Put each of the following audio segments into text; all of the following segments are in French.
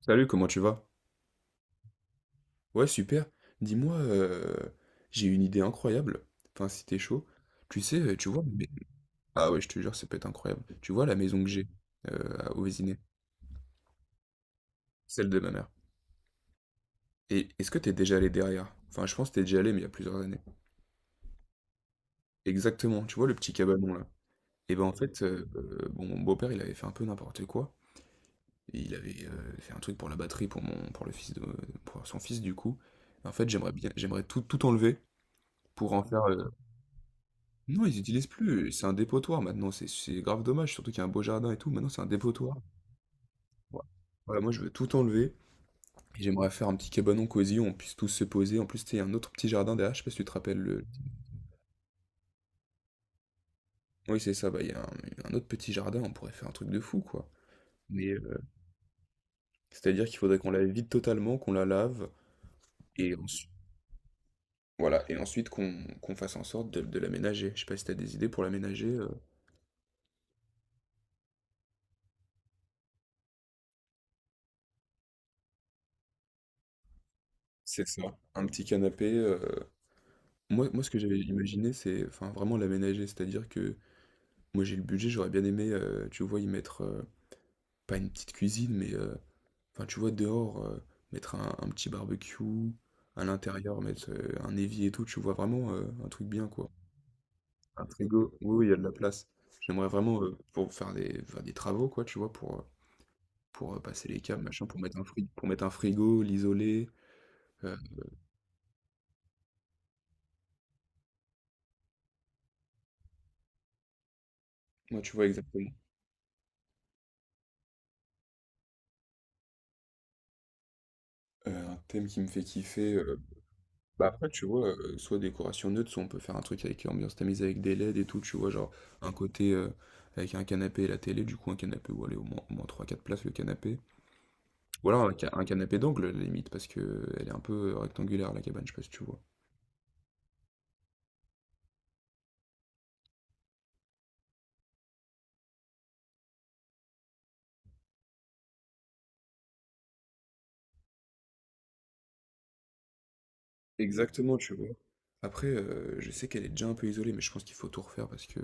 Salut, comment tu vas? Ouais, super. Dis-moi, j'ai une idée incroyable. Enfin, si t'es chaud. Tu sais, tu vois... Ah ouais, je te jure, ça peut être incroyable. Tu vois la maison que j'ai au Vésinet, celle de ma mère. Et est-ce que t'es déjà allé derrière? Enfin, je pense que t'es déjà allé, mais il y a plusieurs années. Exactement, tu vois le petit cabanon là. Et ben en fait, bon, mon beau-père, il avait fait un peu n'importe quoi. Et il avait fait un truc pour la batterie, pour le fils de, pour son fils du coup. En fait, j'aimerais bien, j'aimerais tout enlever pour en faire. Non, ils utilisent plus. C'est un dépotoir maintenant. C'est grave dommage, surtout qu'il y a un beau jardin et tout. Maintenant, c'est un dépotoir. Voilà, Voilà, moi, je veux tout enlever. Et j'aimerais faire un petit cabanon cosy où on puisse tous se poser. En plus, tu sais, il y a un autre petit jardin derrière. Je sais pas si tu te rappelles. Oui, c'est ça. Bah, il y a un autre petit jardin. On pourrait faire un truc de fou, quoi. Mais c'est-à-dire qu'il faudrait qu'on la vide totalement, qu'on la lave. Et ensuite, voilà. Et ensuite, qu'on fasse en sorte de l'aménager. Je sais pas si tu as des idées pour l'aménager. C'est ça. Un petit canapé. Moi, ce que j'avais imaginé, c'est enfin, vraiment l'aménager. C'est-à-dire que moi, j'ai le budget, j'aurais bien aimé, tu vois, y mettre, pas une petite cuisine, mais, enfin, tu vois, dehors, mettre un petit barbecue, à l'intérieur, mettre, un évier et tout, tu vois? Vraiment, un truc bien, quoi. Un frigo. Oui, oui, il y a de la place. J'aimerais vraiment, pour faire des travaux, quoi, tu vois? Pour, passer les câbles, machin, pour mettre un frigo, l'isoler, heu, ouais, tu vois? Exactement. Un thème qui me fait kiffer, bah après, tu vois, soit décoration neutre, soit on peut faire un truc avec ambiance tamisée avec des LED et tout, tu vois, genre un côté avec un canapé et la télé, du coup un canapé où aller au moins 3-4 places le canapé. Ou alors un canapé d'angle, à la limite, parce que elle est un peu rectangulaire la cabane, je sais pas si tu vois. Exactement, tu vois. Après, je sais qu'elle est déjà un peu isolée, mais je pense qu'il faut tout refaire parce que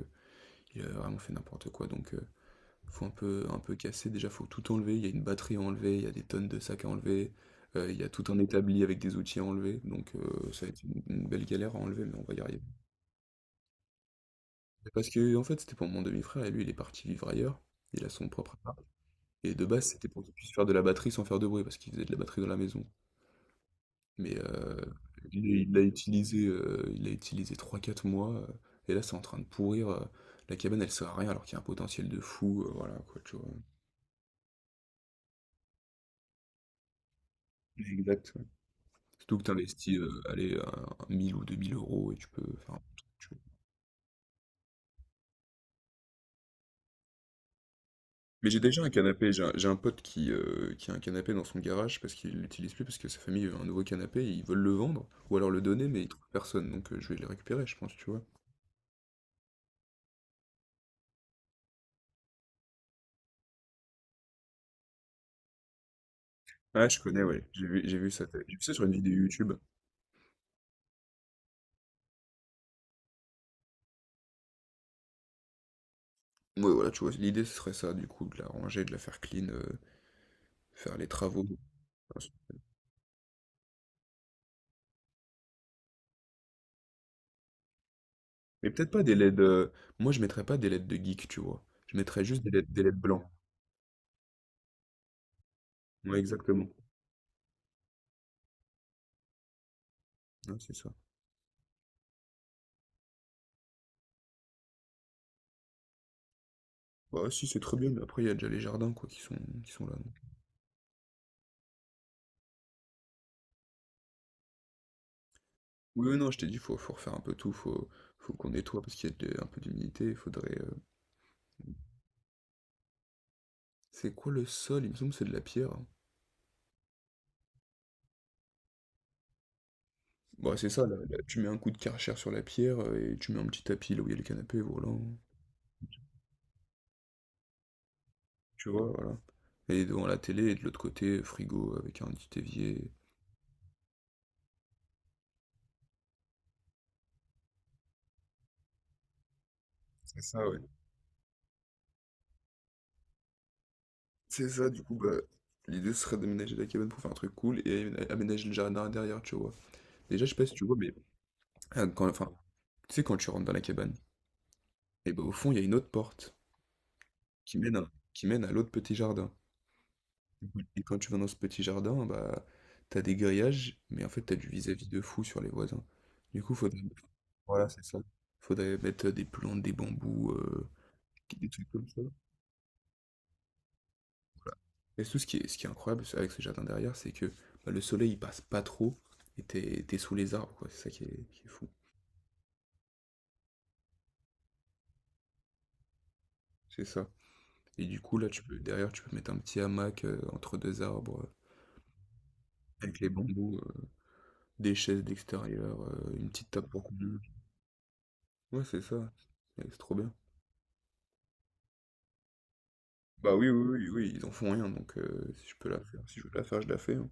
il a vraiment fait n'importe quoi. Donc, faut un peu casser, déjà faut tout enlever, il y a une batterie à enlever, il y a des tonnes de sacs à enlever, il y a tout un établi avec des outils à enlever, donc ça va être une belle galère à enlever, mais on va y arriver. Parce que en fait, c'était pour mon demi-frère et lui, il est parti vivre ailleurs, il a son propre appart et de base, c'était pour qu'il puisse faire de la batterie sans faire de bruit parce qu'il faisait de la batterie dans la maison. Mais lui, il l'a utilisé 3, 4 mois, et là, c'est en train de pourrir, la cabane, elle sert à rien alors qu'il y a un potentiel de fou, voilà quoi, tu vois? Exact. Surtout que tu investis, allez, 1 ou 2 000 euros et tu peux faire un truc, que tu vois? Mais j'ai déjà un canapé, j'ai un pote qui a un canapé dans son garage parce qu'il l'utilise plus parce que sa famille veut un nouveau canapé et ils veulent le vendre ou alors le donner mais ils trouvent personne donc je vais le récupérer je pense, tu vois? Ah je connais, ouais, j'ai vu ça, j'ai vu ça sur une vidéo YouTube. Ouais, voilà, tu vois? L'idée ce serait ça du coup, de la ranger, de la faire clean, faire les travaux. Mais peut-être pas des LED, moi je mettrais pas des LED de geek, tu vois? Je mettrais juste des LED blancs. Ouais, exactement. Ouais, c'est ça. Bah si, c'est très bien, mais après, il y a déjà les jardins, quoi, qui sont là. Donc, oui, oui, non, je t'ai dit, faut refaire un peu tout, faut qu'on nettoie, parce qu'il y a un peu d'humidité, il faudrait... C'est quoi le sol? Il me semble que c'est de la pierre, hein. Bah c'est ça, là, là, tu mets un coup de Karcher sur la pierre, et tu mets un petit tapis là où il y a le canapé, voilà. Tu vois, voilà. Et devant la télé, et de l'autre côté, frigo avec un petit évier. C'est ça, ouais. C'est ça, du coup, bah... L'idée serait d'aménager la cabane pour faire un truc cool et aménager le jardin derrière, tu vois. Déjà, je sais pas si tu vois, mais... ah, enfin, tu sais, quand tu rentres dans la cabane... Et bah, au fond, il y a une autre porte qui mène à l'autre petit jardin. Mhm. Et quand tu vas dans ce petit jardin, bah, t'as des grillages, mais en fait, t'as du vis-à-vis de fou sur les voisins. Du coup, faudrait voilà, c'est ça. Faudrait mettre des plantes, des bambous, des trucs comme ça, voilà. Et tout ce qui est incroyable, c'est avec ce jardin derrière, c'est que, bah, le soleil, il passe pas trop et t'es sous les arbres, quoi. C'est ça qui est fou. C'est ça. Et du coup, là, tu peux derrière, tu peux mettre un petit hamac, entre 2 arbres, avec les bambous, des chaises d'extérieur, une petite table pour couper. Ouais, c'est ça. Ouais, c'est trop bien. Bah oui, oui, oui, oui, ils en font rien, donc si je peux la faire, si je veux la faire, je la fais, hein.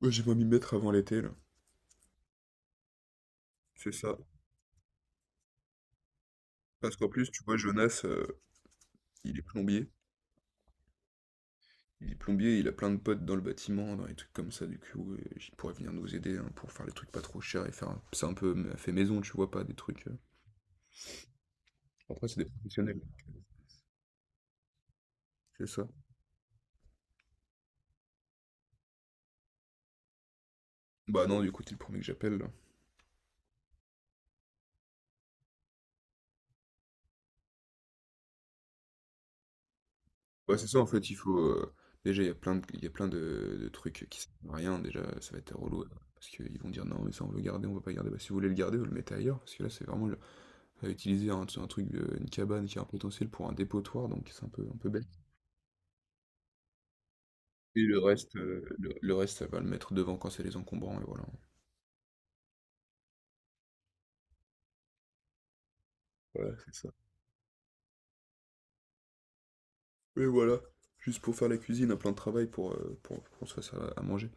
Ouais, j'ai pas m'y mettre avant l'été, là. C'est ça. Parce qu'en plus, tu vois, Jonas, il est plombier. Il est plombier, il a plein de potes dans le bâtiment, dans les trucs comme ça, du coup, il pourrait venir nous aider hein, pour faire les trucs pas trop chers et faire un... C'est un peu fait maison, tu vois, pas des trucs... Après, c'est des professionnels. C'est ça. Bah non, du coup, t'es le premier que j'appelle. Ouais, c'est ça en fait, il faut. Déjà, il y a plein de, il y a plein de trucs qui servent à rien. Déjà, ça va être relou, hein. Parce qu'ils vont dire non, mais ça on veut garder, on veut pas garder. Bah, si vous voulez le garder, vous le mettez ailleurs. Parce que là, c'est vraiment utiliser un truc, une cabane qui a un potentiel pour un dépotoir. Donc c'est un peu bête. Et le reste, le reste, ça va le mettre devant quand c'est les encombrants. Et voilà. Ouais, c'est ça. Et voilà. Juste pour faire la cuisine, un plan de travail pour qu'on se fasse à manger.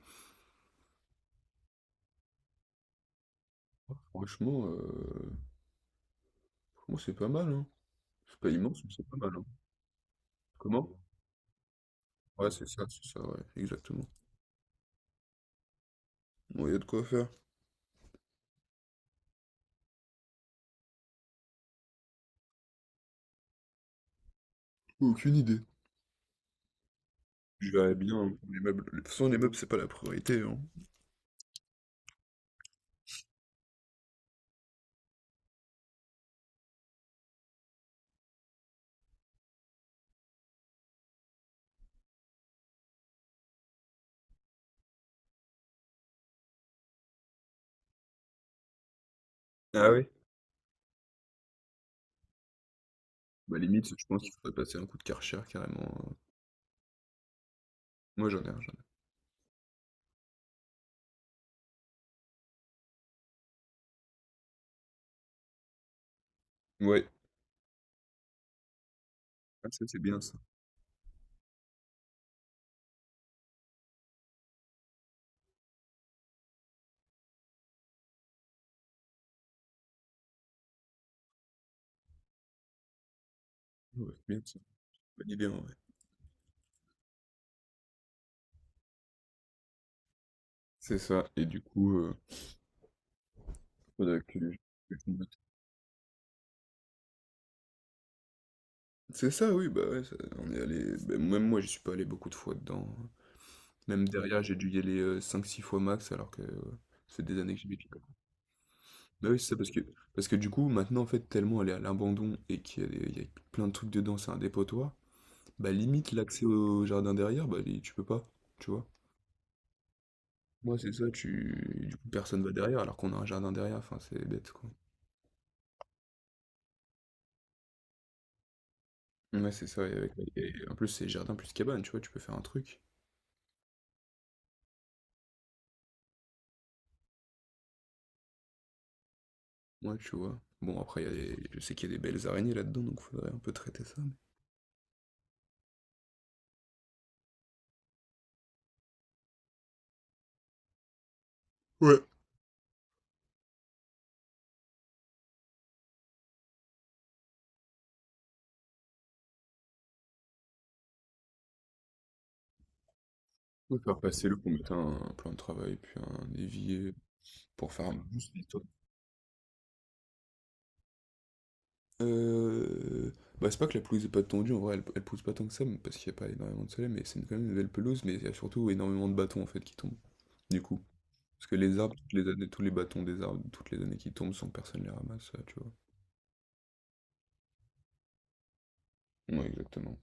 Franchement, c'est pas mal, hein. C'est pas immense, mais c'est pas mal, hein. Comment? Ouais, c'est ça, ouais, exactement. Bon il y a de quoi faire. Aucune idée. Je verrais bien hein, pour les meubles. De toute façon, les meubles, c'est pas la priorité, hein. Ah oui? Bah limite, je pense qu'il faudrait passer un coup de Karcher carrément, hein. Moi j'en ai un, j'en ai. Un. Ouais. Ah, ça c'est bien ça. Ouais, c'est bien ça. Bonne idée en vrai. C'est ça. Et du coup, faudrait que je note. C'est ça, oui, bah ouais, on est allé. Bah, même moi, je suis pas allé beaucoup de fois dedans, hein. Même derrière, j'ai dû y aller 5-6 fois max, alors que c'est des années que j'y vais. Bah oui, c'est ça, parce que du coup, maintenant, en fait, tellement elle est à l'abandon et qu'il y a plein de trucs dedans, c'est un dépotoir, bah limite l'accès au jardin derrière, bah tu peux pas, tu vois. Moi, c'est ça, tu... du coup, personne va derrière alors qu'on a un jardin derrière, enfin, c'est bête, quoi. Ouais, c'est ça, et, et en plus, c'est jardin plus cabane, tu vois, tu peux faire un truc. Ouais, tu vois. Bon, après, il y a je sais qu'il y a des belles araignées là-dedans, donc faudrait un peu traiter ça. Ouais. Faut faire passer le pour mettre un plan de travail, puis un évier, pour faire un... Euh... Bah, c'est pas que la pelouse est pas tendue, en vrai, elle pousse pas tant que ça, parce qu'il y a pas énormément de soleil, mais c'est quand même une belle pelouse, mais il y a surtout énormément de bâtons, en fait, qui tombent, du coup. Parce que les arbres, toutes les années, tous les bâtons des arbres, toutes les années qui tombent, sans que personne les ramasse, ça, tu vois. Ouais, exactement.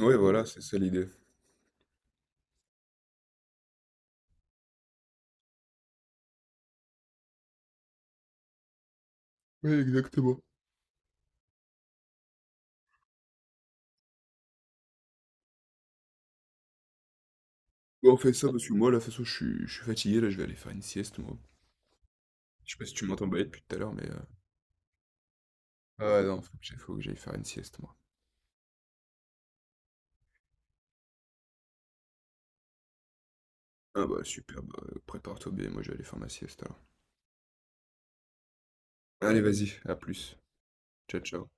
Ouais, voilà, c'est ça l'idée. Ouais, exactement. Bon, on fait ça parce que moi, là, de toute façon, je suis fatigué, là, je vais aller faire une sieste, moi. Je sais pas si tu m'entends bailler depuis tout à l'heure, mais... Ah non, faut que j'aille faire une sieste, moi. Ah bah super, bah, prépare-toi bien, moi je vais aller faire ma sieste alors. Allez, vas-y, à plus. Ciao, ciao.